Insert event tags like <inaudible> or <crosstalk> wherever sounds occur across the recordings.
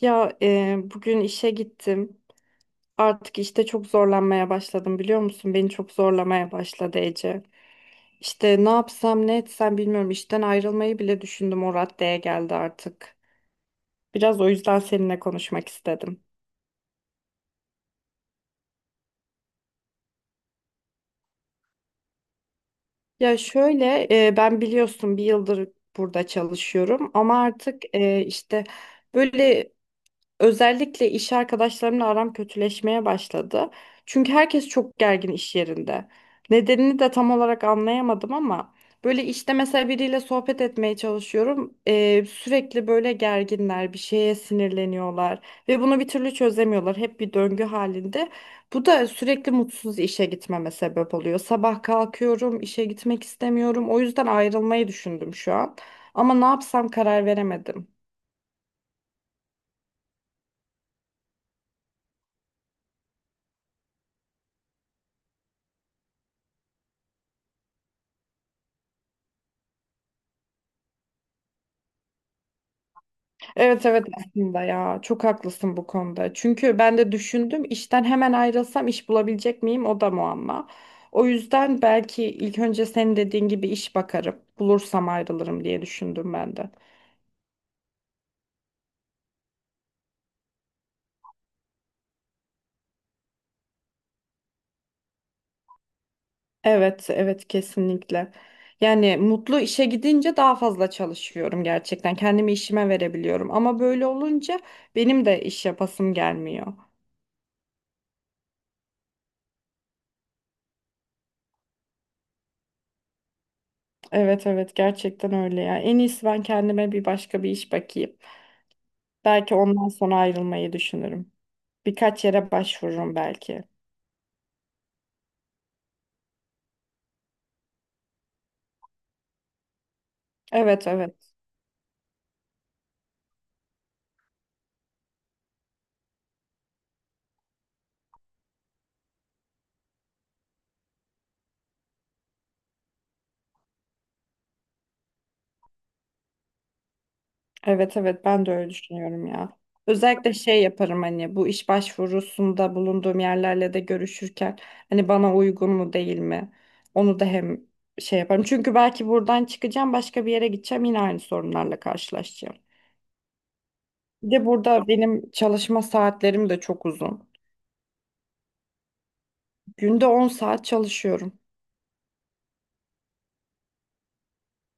Bugün işe gittim. Artık işte çok zorlanmaya başladım, biliyor musun? Beni çok zorlamaya başladı, Ece. İşte ne yapsam ne etsem bilmiyorum. İşten ayrılmayı bile düşündüm. O raddeye geldi artık. Biraz o yüzden seninle konuşmak istedim. Ben biliyorsun bir yıldır burada çalışıyorum, ama artık işte böyle. Özellikle iş arkadaşlarımla aram kötüleşmeye başladı. Çünkü herkes çok gergin iş yerinde. Nedenini de tam olarak anlayamadım, ama böyle işte mesela biriyle sohbet etmeye çalışıyorum. Sürekli böyle gerginler, bir şeye sinirleniyorlar ve bunu bir türlü çözemiyorlar. Hep bir döngü halinde. Bu da sürekli mutsuz işe gitmeme sebep oluyor. Sabah kalkıyorum, işe gitmek istemiyorum. O yüzden ayrılmayı düşündüm şu an. Ama ne yapsam karar veremedim. Evet, evet, aslında ya çok haklısın bu konuda. Çünkü ben de düşündüm, işten hemen ayrılsam iş bulabilecek miyim, o da muamma. O yüzden belki ilk önce senin dediğin gibi iş bakarım. Bulursam ayrılırım diye düşündüm ben de. Evet, evet, kesinlikle. Yani mutlu işe gidince daha fazla çalışıyorum gerçekten. Kendimi işime verebiliyorum, ama böyle olunca benim de iş yapasım gelmiyor. Evet, evet, gerçekten öyle ya. En iyisi ben kendime başka bir iş bakayım. Belki ondan sonra ayrılmayı düşünürüm. Birkaç yere başvururum belki. Evet, evet. Evet, evet, ben de öyle düşünüyorum ya. Özellikle şey yaparım, hani bu iş başvurusunda bulunduğum yerlerle de görüşürken hani bana uygun mu değil mi? Onu da hem şey yaparım. Çünkü belki buradan çıkacağım, başka bir yere gideceğim, yine aynı sorunlarla karşılaşacağım. Bir de burada benim çalışma saatlerim de çok uzun. Günde 10 saat çalışıyorum.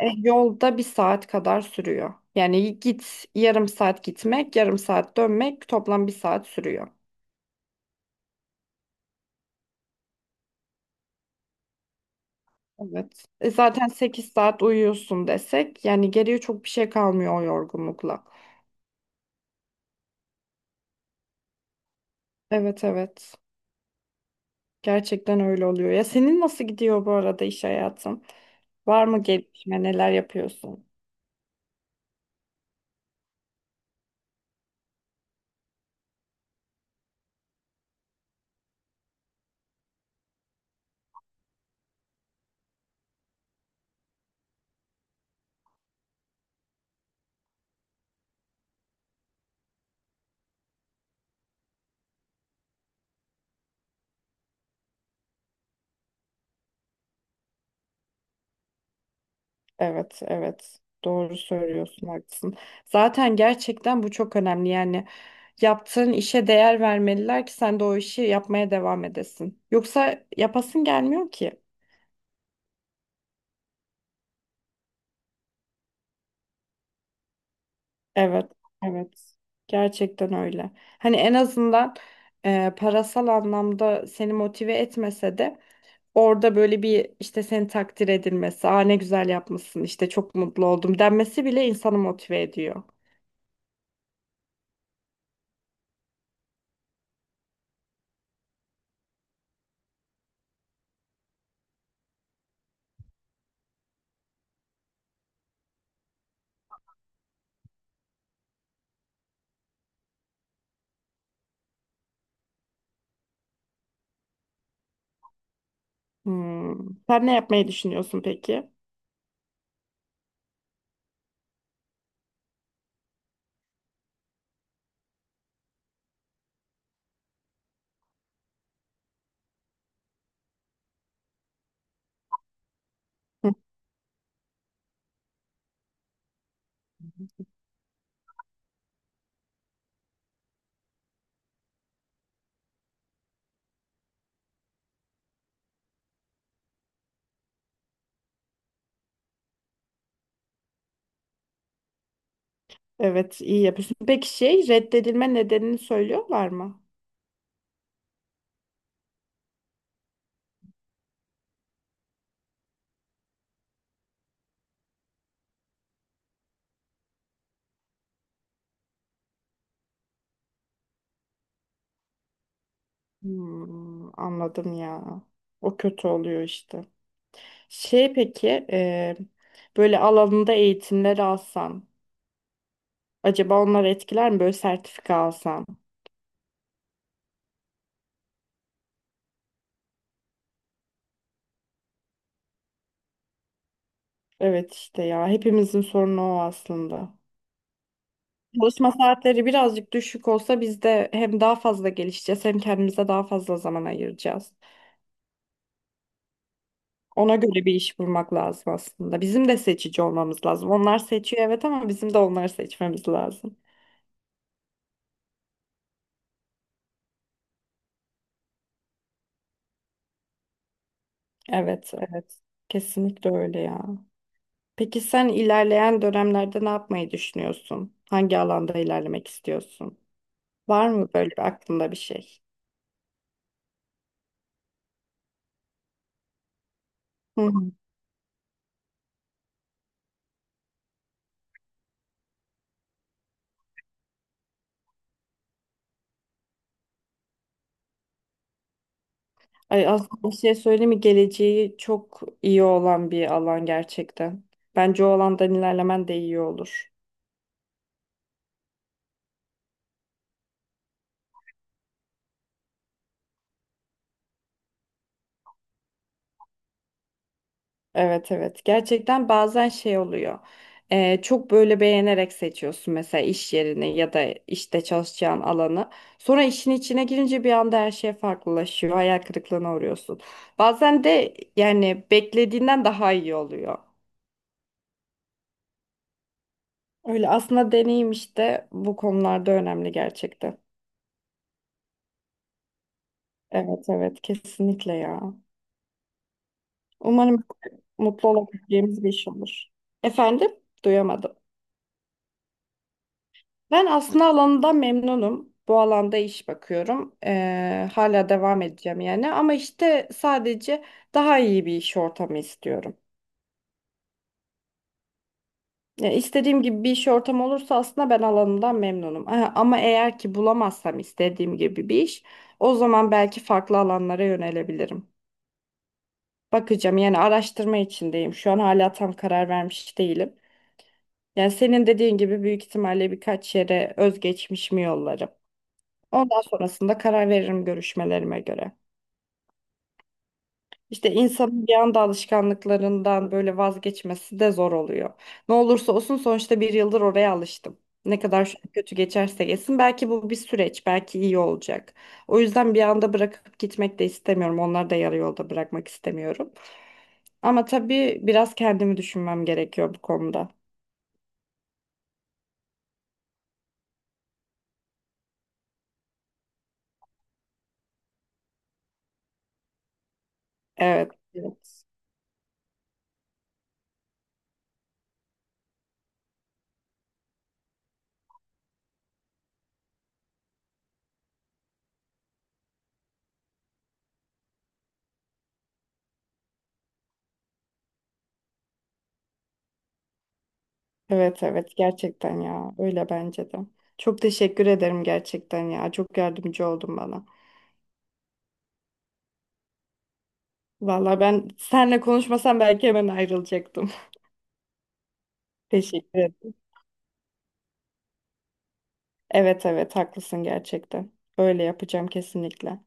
Yolda bir saat kadar sürüyor. Yani git, yarım saat gitmek, yarım saat dönmek, toplam bir saat sürüyor. Evet. Zaten 8 saat uyuyorsun desek, yani geriye çok bir şey kalmıyor o yorgunlukla. Evet, evet. Gerçekten öyle oluyor. Ya senin nasıl gidiyor bu arada iş hayatın? Var mı gelişme? Neler yapıyorsun? Evet, evet. Doğru söylüyorsun, haklısın. Zaten gerçekten bu çok önemli. Yani yaptığın işe değer vermeliler ki sen de o işi yapmaya devam edesin. Yoksa yapasın gelmiyor ki. Evet, evet. Gerçekten öyle. Hani en azından parasal anlamda seni motive etmese de orada böyle bir işte seni takdir edilmesi, aa ne güzel yapmışsın, işte çok mutlu oldum denmesi bile insanı motive ediyor. Hmm. Sen ne yapmayı düşünüyorsun peki? Evet, iyi yapıyorsun. Peki şey, reddedilme nedenini söylüyorlar mı? Hmm, anladım ya. O kötü oluyor işte. Şey peki, böyle alanında eğitimler alsan acaba onlar etkiler mi? Böyle sertifika alsan. Evet işte ya, hepimizin sorunu o aslında. Çalışma saatleri birazcık düşük olsa biz de hem daha fazla gelişeceğiz, hem kendimize daha fazla zaman ayıracağız. Ona göre bir iş bulmak lazım aslında. Bizim de seçici olmamız lazım. Onlar seçiyor evet, ama bizim de onları seçmemiz lazım. Evet, evet. Kesinlikle öyle ya. Peki sen ilerleyen dönemlerde ne yapmayı düşünüyorsun? Hangi alanda ilerlemek istiyorsun? Var mı böyle bir aklında bir şey? Hı hı. Ay, aslında bir şey söyleyeyim mi? Geleceği çok iyi olan bir alan gerçekten. Bence o alandan ilerlemen de iyi olur. Evet, evet, gerçekten bazen şey oluyor. Çok böyle beğenerek seçiyorsun, mesela iş yerini ya da işte çalışacağın alanı, sonra işin içine girince bir anda her şey farklılaşıyor, hayal kırıklığına uğruyorsun, bazen de yani beklediğinden daha iyi oluyor. Öyle, aslında deneyim işte bu konularda önemli gerçekten. Evet, evet, kesinlikle ya. Umarım mutlu olabileceğimiz bir iş olur. Efendim, duyamadım. Ben aslında alanından memnunum. Bu alanda iş bakıyorum. Hala devam edeceğim yani. Ama işte sadece daha iyi bir iş ortamı istiyorum. Yani istediğim gibi bir iş ortamı olursa aslında ben alanından memnunum. Aha, ama eğer ki bulamazsam istediğim gibi bir iş, o zaman belki farklı alanlara yönelebilirim. Bakacağım, yani araştırma içindeyim. Şu an hala tam karar vermiş değilim. Yani senin dediğin gibi büyük ihtimalle birkaç yere özgeçmişimi yollarım. Ondan sonrasında karar veririm görüşmelerime göre. İşte insanın bir anda alışkanlıklarından böyle vazgeçmesi de zor oluyor. Ne olursa olsun sonuçta bir yıldır oraya alıştım. Ne kadar şu an kötü geçerse geçsin, belki bu bir süreç, belki iyi olacak. O yüzden bir anda bırakıp gitmek de istemiyorum. Onları da yarı yolda bırakmak istemiyorum. Ama tabii biraz kendimi düşünmem gerekiyor bu konuda. Evet, evet. Evet, evet, gerçekten ya. Öyle bence de. Çok teşekkür ederim gerçekten ya. Çok yardımcı oldun bana. Valla ben senle konuşmasam belki hemen ayrılacaktım. <laughs> Teşekkür ederim. Evet, evet, haklısın gerçekten. Öyle yapacağım kesinlikle.